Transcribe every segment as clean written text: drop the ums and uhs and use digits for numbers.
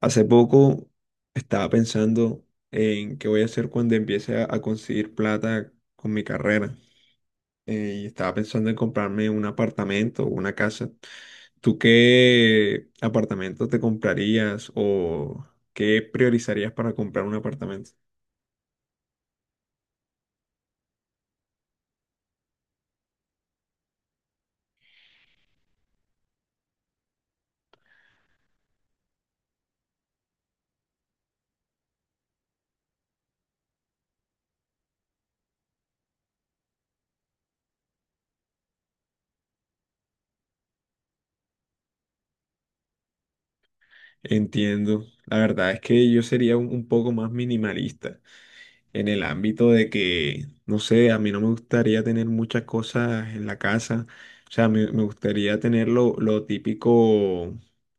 Hace poco estaba pensando en qué voy a hacer cuando empiece a conseguir plata con mi carrera. Y estaba pensando en comprarme un apartamento o una casa. ¿Tú qué apartamento te comprarías o qué priorizarías para comprar un apartamento? Entiendo. La verdad es que yo sería un poco más minimalista, en el ámbito de que, no sé, a mí no me gustaría tener muchas cosas en la casa. O sea, me gustaría tener lo típico,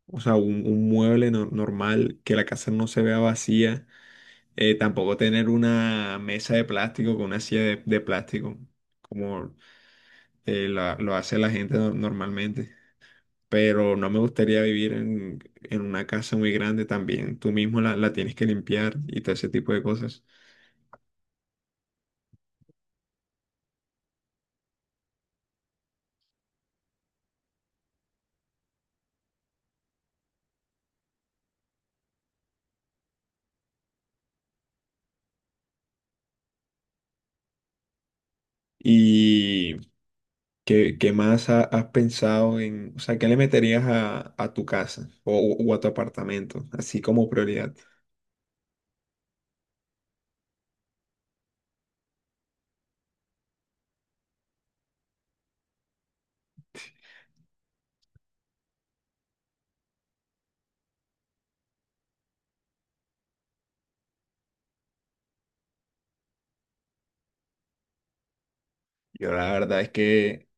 o sea, un mueble normal, que la casa no se vea vacía. Tampoco tener una mesa de plástico con una silla de plástico, como lo hace la gente normalmente. Pero no me gustaría vivir en una casa muy grande también. Tú mismo la tienes que limpiar y todo ese tipo de cosas. Y qué más has pensado en, o sea, qué le meterías a tu casa o a tu apartamento, así como prioridad? Yo la verdad es que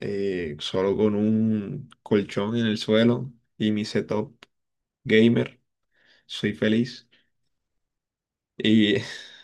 solo con un colchón en el suelo y mi setup gamer, soy feliz y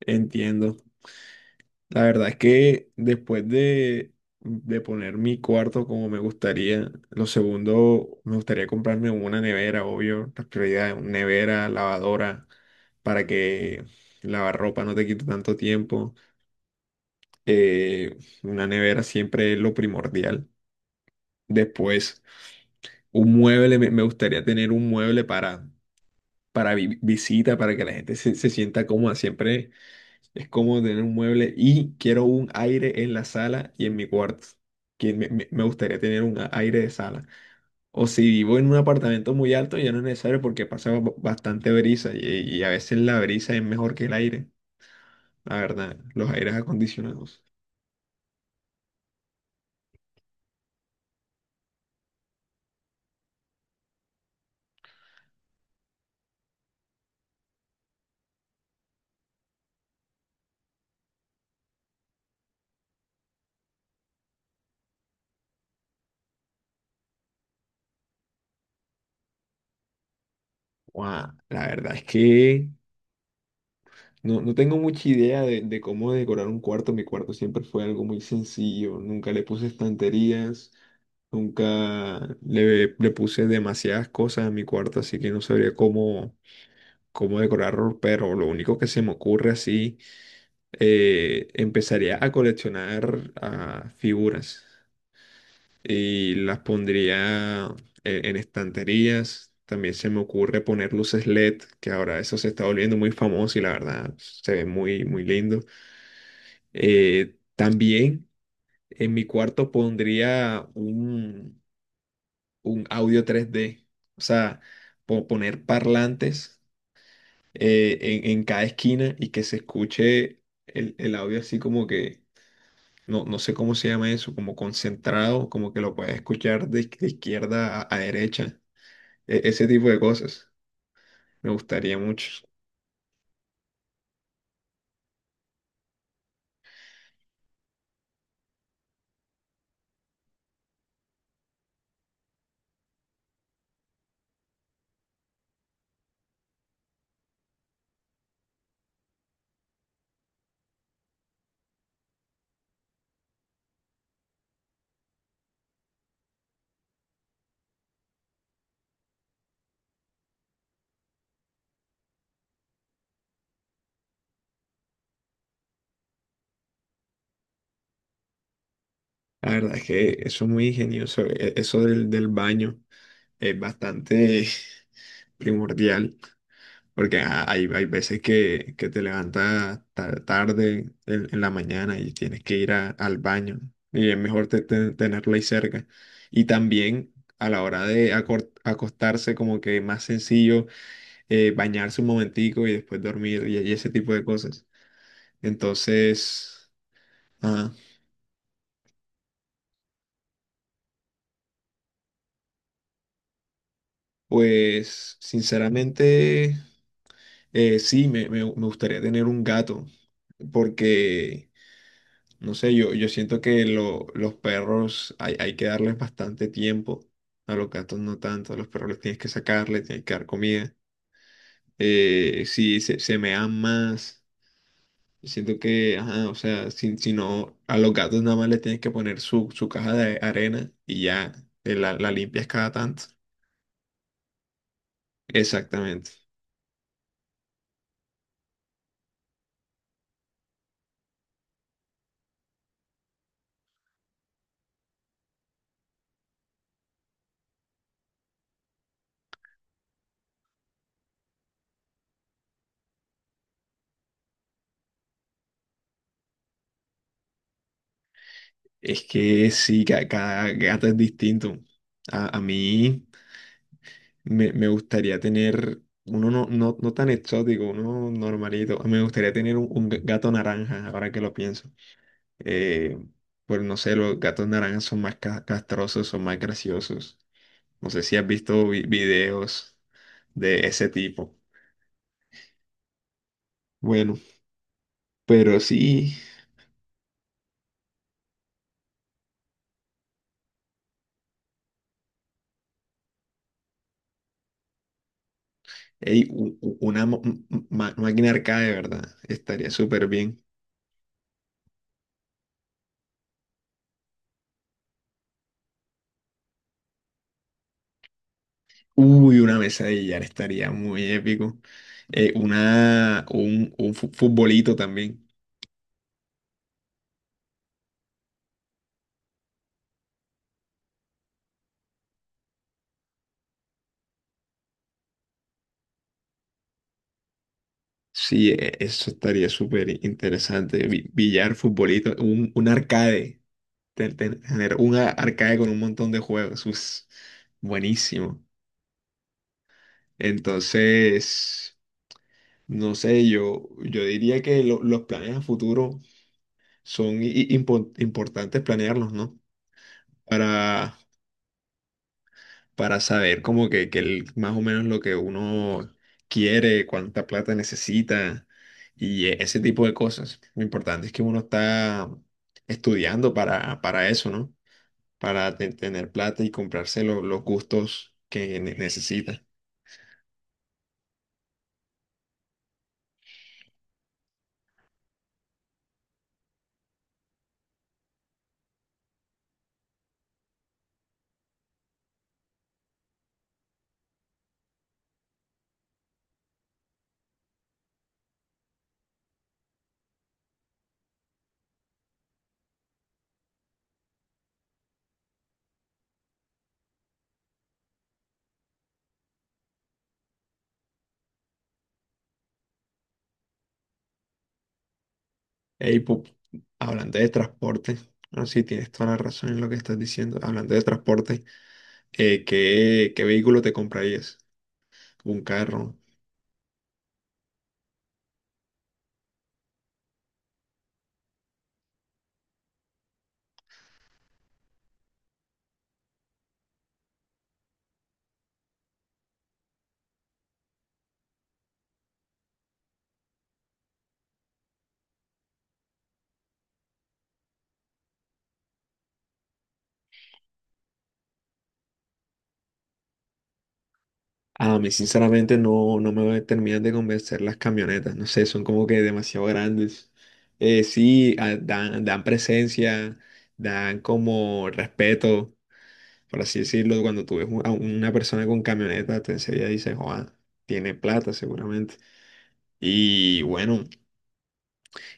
entiendo. La verdad es que después de poner mi cuarto como me gustaría, lo segundo, me gustaría comprarme una nevera, obvio, la prioridad, una nevera, lavadora, para que lavar ropa no te quite tanto tiempo. Eh, una nevera siempre es lo primordial. Después, un mueble, me gustaría tener un mueble para visita, para que la gente se sienta cómoda siempre. Es como tener un mueble y quiero un aire en la sala y en mi cuarto. Que me gustaría tener un aire de sala. O si vivo en un apartamento muy alto, ya no es necesario porque pasa bastante brisa y a veces la brisa es mejor que el aire, la verdad, los aires acondicionados. Guau, la verdad es que no, no tengo mucha idea de cómo decorar un cuarto. Mi cuarto siempre fue algo muy sencillo. Nunca le puse estanterías, nunca le puse demasiadas cosas a mi cuarto, así que no sabría cómo, cómo decorarlo. Pero lo único que se me ocurre así, empezaría a coleccionar figuras y las pondría en estanterías. También se me ocurre poner luces LED, que ahora eso se está volviendo muy famoso y la verdad se ve muy, muy lindo. También en mi cuarto pondría un audio tres d, o sea, poner parlantes en cada esquina y que se escuche el audio así como que, no, no sé cómo se llama eso, como concentrado, como que lo puedes escuchar de izquierda a derecha, ese tipo de cosas. Me gustaría mucho. La verdad es que eso es muy ingenioso, eso del baño es bastante primordial. Porque ajá, hay veces que te levantas tarde en la mañana y tienes que ir al baño y es mejor tenerlo ahí cerca. Y también a la hora de acostarse como que más sencillo, bañarse un momentico y después dormir y ese tipo de cosas. Entonces, ajá, pues sinceramente, sí, me gustaría tener un gato porque... no sé, yo siento que los perros hay que darles bastante tiempo, a los gatos no tanto, a los perros les tienes que sacar, les tienes que dar comida. Si se, se mean más, siento que, ajá, o sea, si no, a los gatos nada más les tienes que poner su caja de arena y ya, la limpias cada tanto. Exactamente. Es que sí, cada gato es distinto. A mí me, me gustaría tener uno no tan exótico, uno normalito. Me gustaría tener un gato naranja, ahora que lo pienso. Eh, pues no sé, los gatos naranjas son más castrosos, son más graciosos. No sé si has visto videos de ese tipo. Bueno, pero sí, ey, una máquina arcade, ¿verdad? Estaría súper bien. Uy, una mesa de billar estaría muy épico. Un futbolito también. Sí, eso estaría súper interesante. Billar, futbolito, un arcade. Tener un arcade con un montón de juegos. Us, buenísimo. Entonces, no sé, yo diría que los planes a futuro son importantes planearlos, ¿no? Para para saber como que más o menos lo que uno quiere, cuánta plata necesita y ese tipo de cosas. Lo importante es que uno está estudiando para eso, ¿no? Para tener plata y comprarse los gustos que necesita. Ey, hablando de transporte, no, sí, tienes toda la razón en lo que estás diciendo. Hablando de transporte, qué vehículo te comprarías? ¿Un carro? A mí sinceramente no me terminan de convencer las camionetas, no sé, son como que demasiado grandes. Sí, ah, dan presencia, dan como respeto, por así decirlo. Cuando tú ves a una persona con camioneta, te enseguida dices, joa, tiene plata seguramente. Y bueno,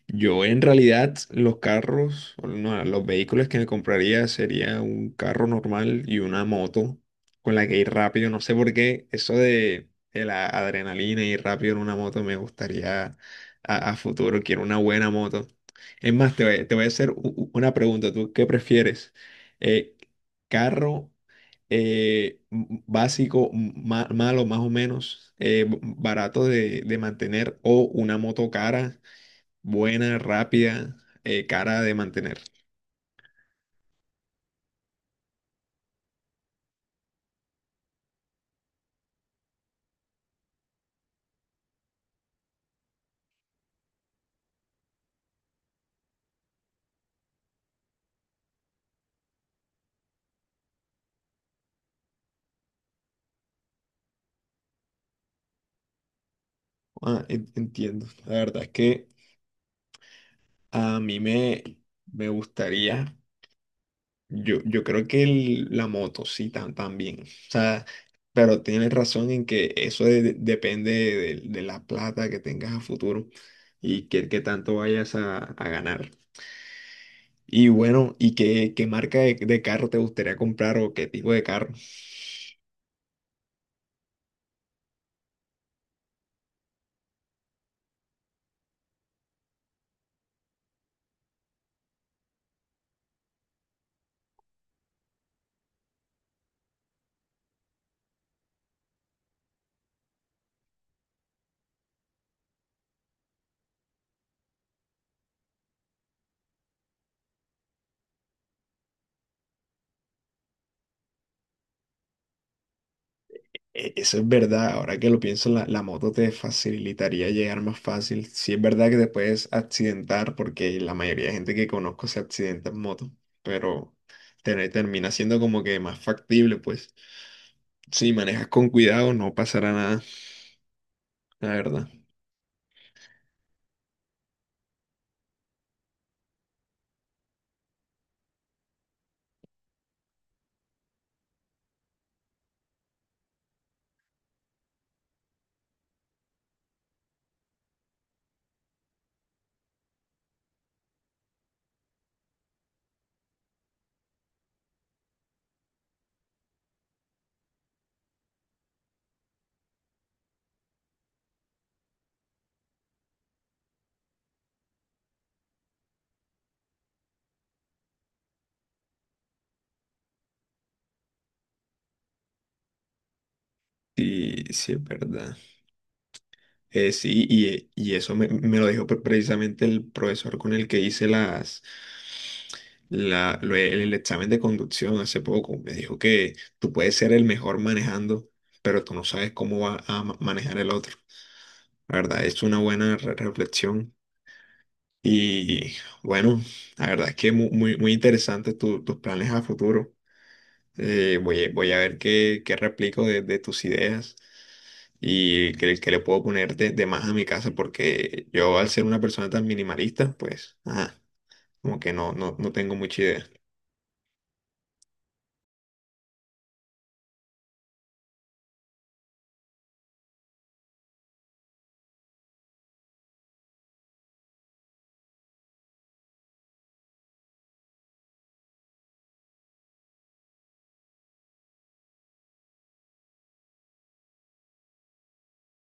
yo en realidad los carros, o no, los vehículos que me compraría sería un carro normal y una moto con la que ir rápido. No sé por qué eso de la adrenalina y ir rápido en una moto me gustaría a futuro. Quiero una buena moto. Es más, te voy a hacer una pregunta. ¿Tú qué prefieres? Eh, ¿Carro básico, malo más o menos, barato de mantener o una moto cara, buena, rápida, cara de mantener? Ah, entiendo. La verdad es que a mí me gustaría, yo creo que la moto sí también. O sea, pero tienes razón en que eso depende de la plata que tengas a futuro y qué, qué tanto vayas a ganar. Y bueno, ¿y qué, qué marca de carro te gustaría comprar o qué tipo de carro? Eso es verdad, ahora que lo pienso, la moto te facilitaría llegar más fácil. Sí es verdad que te puedes accidentar, porque la mayoría de gente que conozco se accidenta en moto, pero termina siendo como que más factible, pues. Si manejas con cuidado, no pasará nada, la verdad. Sí, sí es verdad. Sí, y eso me lo dijo precisamente el profesor con el que hice las, la, lo- el examen de conducción hace poco. Me dijo que tú puedes ser el mejor manejando, pero tú no sabes cómo va a manejar el otro. La verdad, es una buena reflexión. Y bueno, la verdad es que muy, muy, muy interesante tus planes a futuro. Voy a ver qué, qué replico de tus ideas y que le puedo poner de más a mi casa porque yo al ser una persona tan minimalista, pues, ajá, como que no tengo mucha idea.